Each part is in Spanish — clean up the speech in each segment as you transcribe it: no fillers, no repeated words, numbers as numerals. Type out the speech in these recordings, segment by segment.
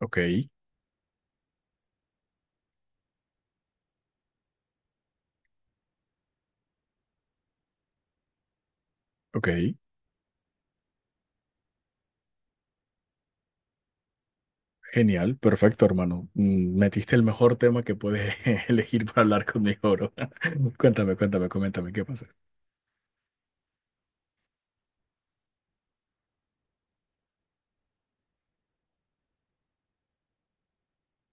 Ok, ok, genial, perfecto, hermano. Metiste el mejor tema que puedes elegir para hablar conmigo, bro. Cuéntame, coméntame qué pasa.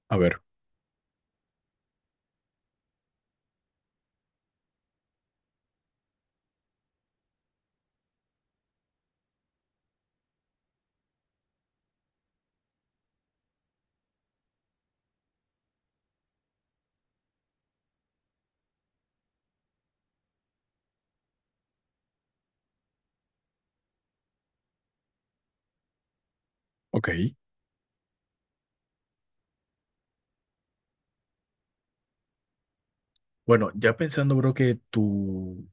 A ver, ok. Bueno, ya pensando, bro, que tu,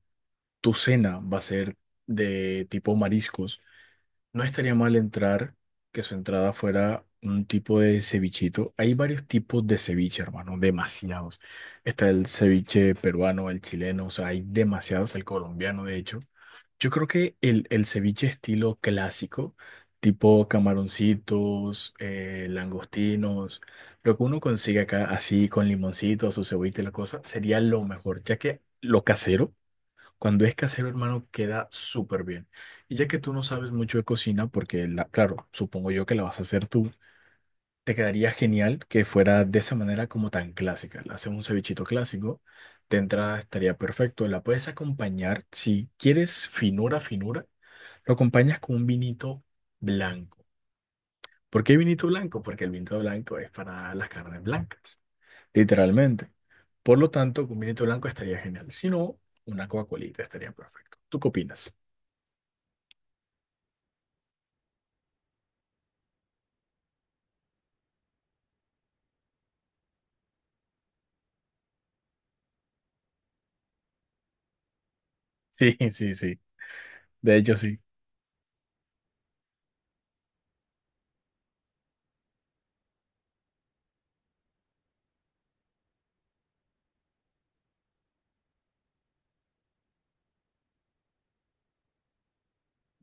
tu cena va a ser de tipo mariscos. No estaría mal entrar, que su entrada fuera un tipo de cevichito. Hay varios tipos de ceviche, hermano, demasiados. Está el ceviche peruano, el chileno, o sea, hay demasiados, el colombiano, de hecho. Yo creo que el ceviche estilo clásico, tipo camaroncitos, langostinos, lo que uno consigue acá así con limoncito, su cebollita y la cosa, sería lo mejor, ya que lo casero. Cuando es casero, hermano, queda súper bien. Y ya que tú no sabes mucho de cocina, porque, la, claro, supongo yo que la vas a hacer tú, te quedaría genial que fuera de esa manera como tan clásica. Le haces un cevichito clásico, te entra, estaría perfecto. La puedes acompañar, si quieres finura, lo acompañas con un vinito blanco. ¿Por qué vinito blanco? Porque el vinito blanco es para las carnes blancas, literalmente. Por lo tanto, con vinito blanco estaría genial. Si no, una Coca-Colita estaría perfecto. ¿Tú qué opinas? Sí, sí, sí. De hecho, sí.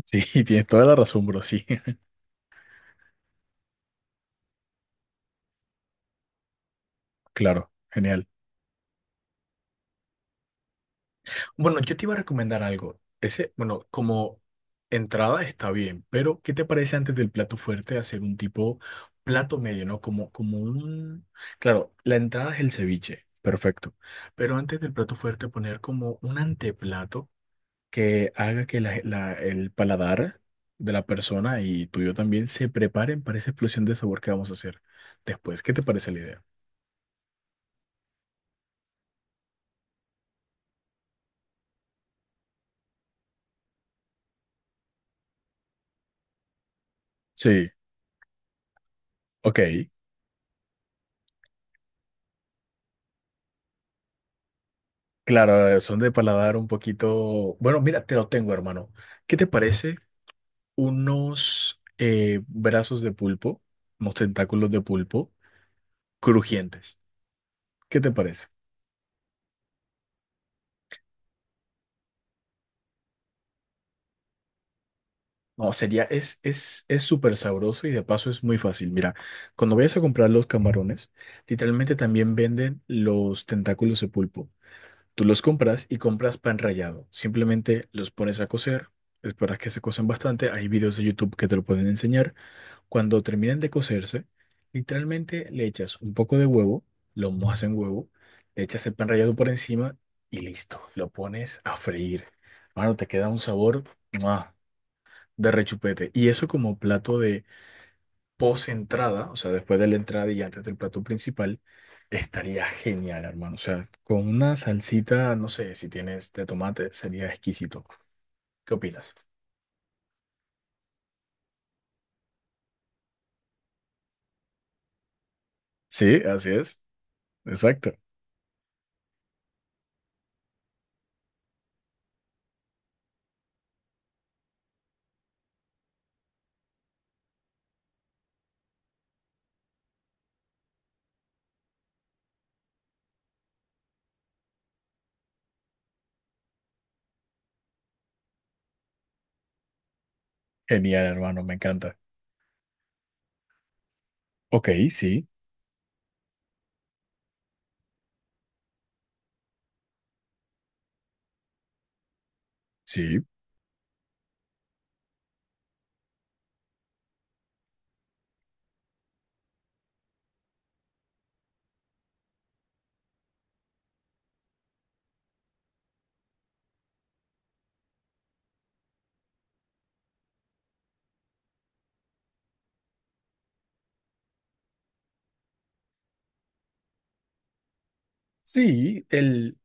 Sí, tienes toda la razón, bro. Sí, claro, genial. Bueno, yo te iba a recomendar algo. Ese, bueno, como entrada está bien, pero ¿qué te parece antes del plato fuerte hacer un tipo plato medio, ¿no? Como, un... Claro, la entrada es el ceviche, perfecto. Pero antes del plato fuerte poner como un anteplato que haga que el paladar de la persona y tuyo también se preparen para esa explosión de sabor que vamos a hacer después. ¿Qué te parece la idea? Sí, ok. Claro, son de paladar un poquito. Bueno, mira, te lo tengo, hermano. ¿Qué te parece unos brazos de pulpo, unos tentáculos de pulpo crujientes? ¿Qué te parece? No, sería, es súper sabroso y de paso es muy fácil. Mira, cuando vayas a comprar los camarones, literalmente también venden los tentáculos de pulpo. Tú los compras y compras pan rallado. Simplemente los pones a cocer, esperas que se cocen bastante. Hay videos de YouTube que te lo pueden enseñar. Cuando terminan de cocerse, literalmente le echas un poco de huevo, lo mojas en huevo, le echas el pan rallado por encima y listo, lo pones a freír. Mano, te queda un sabor ¡mua! De rechupete. Y eso como plato de post-entrada, o sea, después de la entrada y antes del plato principal, estaría genial, hermano. O sea, con una salsita, no sé, si tienes de tomate, sería exquisito. ¿Qué opinas? Sí, así es. Exacto. Genial, hermano, me encanta. Ok, sí, sí. Sí, el,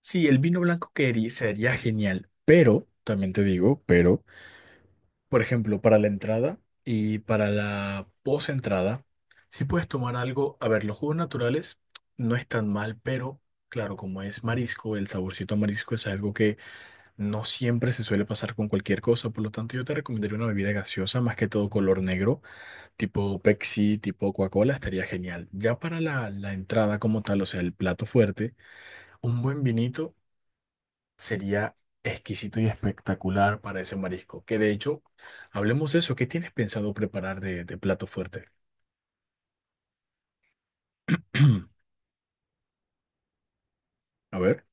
sí, el vino blanco que herí- sería genial, pero, también te digo, pero, por ejemplo, para la entrada y para la post-entrada, si puedes tomar algo, a ver, los jugos naturales no es tan mal, pero, claro, como es marisco, el saborcito a marisco es algo que no siempre se suele pasar con cualquier cosa, por lo tanto yo te recomendaría una bebida gaseosa, más que todo color negro, tipo Pepsi, tipo Coca-Cola, estaría genial. Ya para la entrada como tal, o sea, el plato fuerte, un buen vinito. Sería exquisito y espectacular para ese marisco. Que de hecho, hablemos de eso. ¿Qué tienes pensado preparar de plato fuerte? A ver.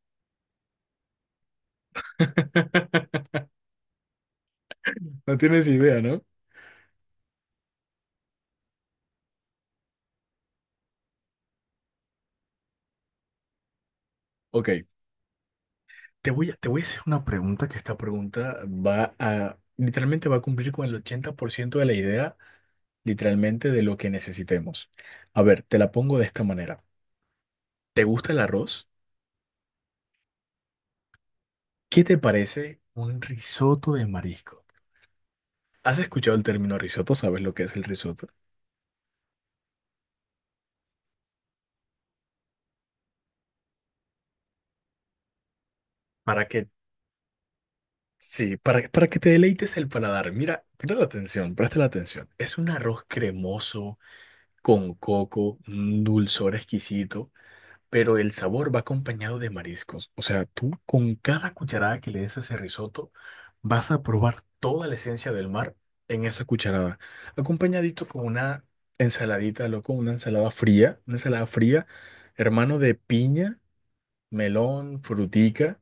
No tienes idea, ¿no? Ok, te voy a hacer una pregunta que esta pregunta va a, literalmente va a cumplir con el 80% de la idea, literalmente de lo que necesitemos. A ver, te la pongo de esta manera. ¿Te gusta el arroz? ¿Qué te parece un risotto de marisco? ¿Has escuchado el término risotto? ¿Sabes lo que es el risotto? Para que Sí, para que te deleites el paladar. Mira, presta la atención. Es un arroz cremoso, con coco, un dulzor exquisito, pero el sabor va acompañado de mariscos. O sea, tú con cada cucharada que le des a ese risotto, vas a probar toda la esencia del mar en esa cucharada. Acompañadito con una ensaladita, loco, una ensalada fría, hermano de piña, melón, frutica.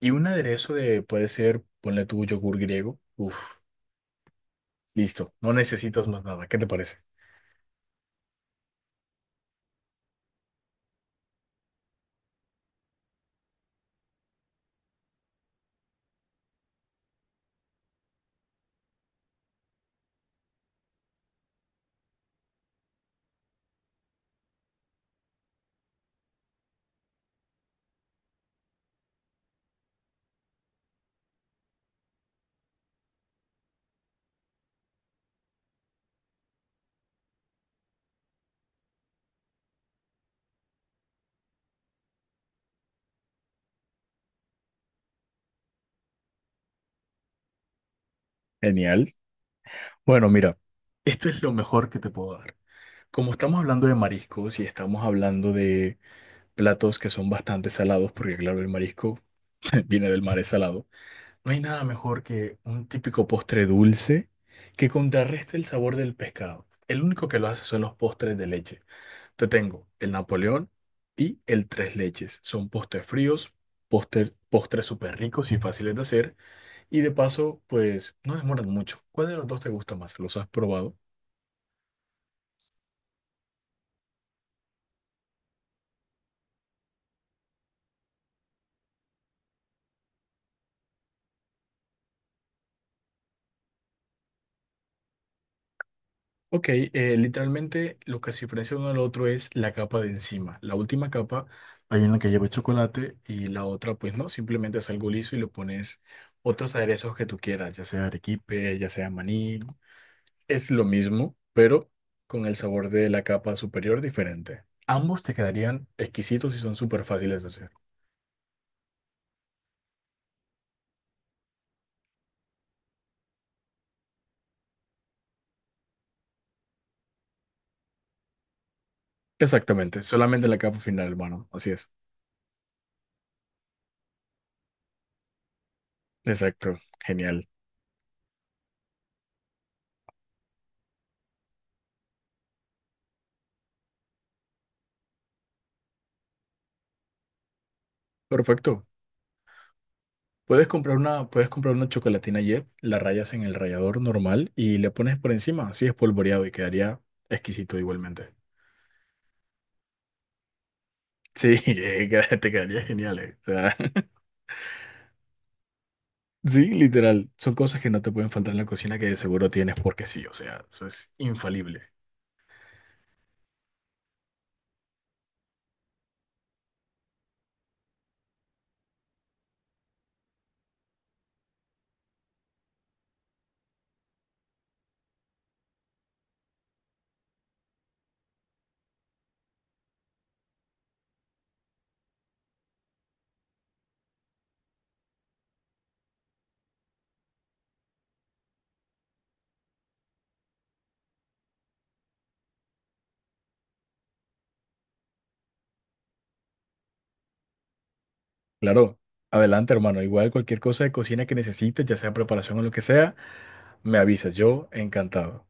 Y un aderezo de, puede ser, ponle tu yogur griego. Uf, listo, no necesitas más nada. ¿Qué te parece? Genial. Bueno, mira, esto es lo mejor que te puedo dar. Como estamos hablando de mariscos y estamos hablando de platos que son bastante salados, porque claro, el marisco viene del mar, es salado, no hay nada mejor que un típico postre dulce que contrarreste el sabor del pescado. El único que lo hace son los postres de leche. Te tengo el Napoleón y el Tres Leches. Son postres fríos, postres súper ricos y fáciles de hacer. Y de paso, pues no demoran mucho. ¿Cuál de los dos te gusta más? ¿Los has probado? Ok, literalmente lo que se diferencia uno al otro es la capa de encima. La última capa, hay una que lleva chocolate y la otra, pues no, simplemente es algo liso y le pones otros aderezos que tú quieras, ya sea arequipe, ya sea maní. Es lo mismo, pero con el sabor de la capa superior diferente. Ambos te quedarían exquisitos y son súper fáciles de hacer. Exactamente, solamente la capa final, hermano. Así es. Exacto, genial. Perfecto. Puedes comprar una chocolatina Jet, la rayas en el rallador normal y le pones por encima, así espolvoreado y quedaría exquisito igualmente. Sí, queda- te quedaría genial, eh. O sea, sí, literal. Son cosas que no te pueden faltar en la cocina que de seguro tienes porque sí, o sea, eso es infalible. Claro, adelante, hermano. Igual cualquier cosa de cocina que necesites, ya sea preparación o lo que sea, me avisas. Yo encantado.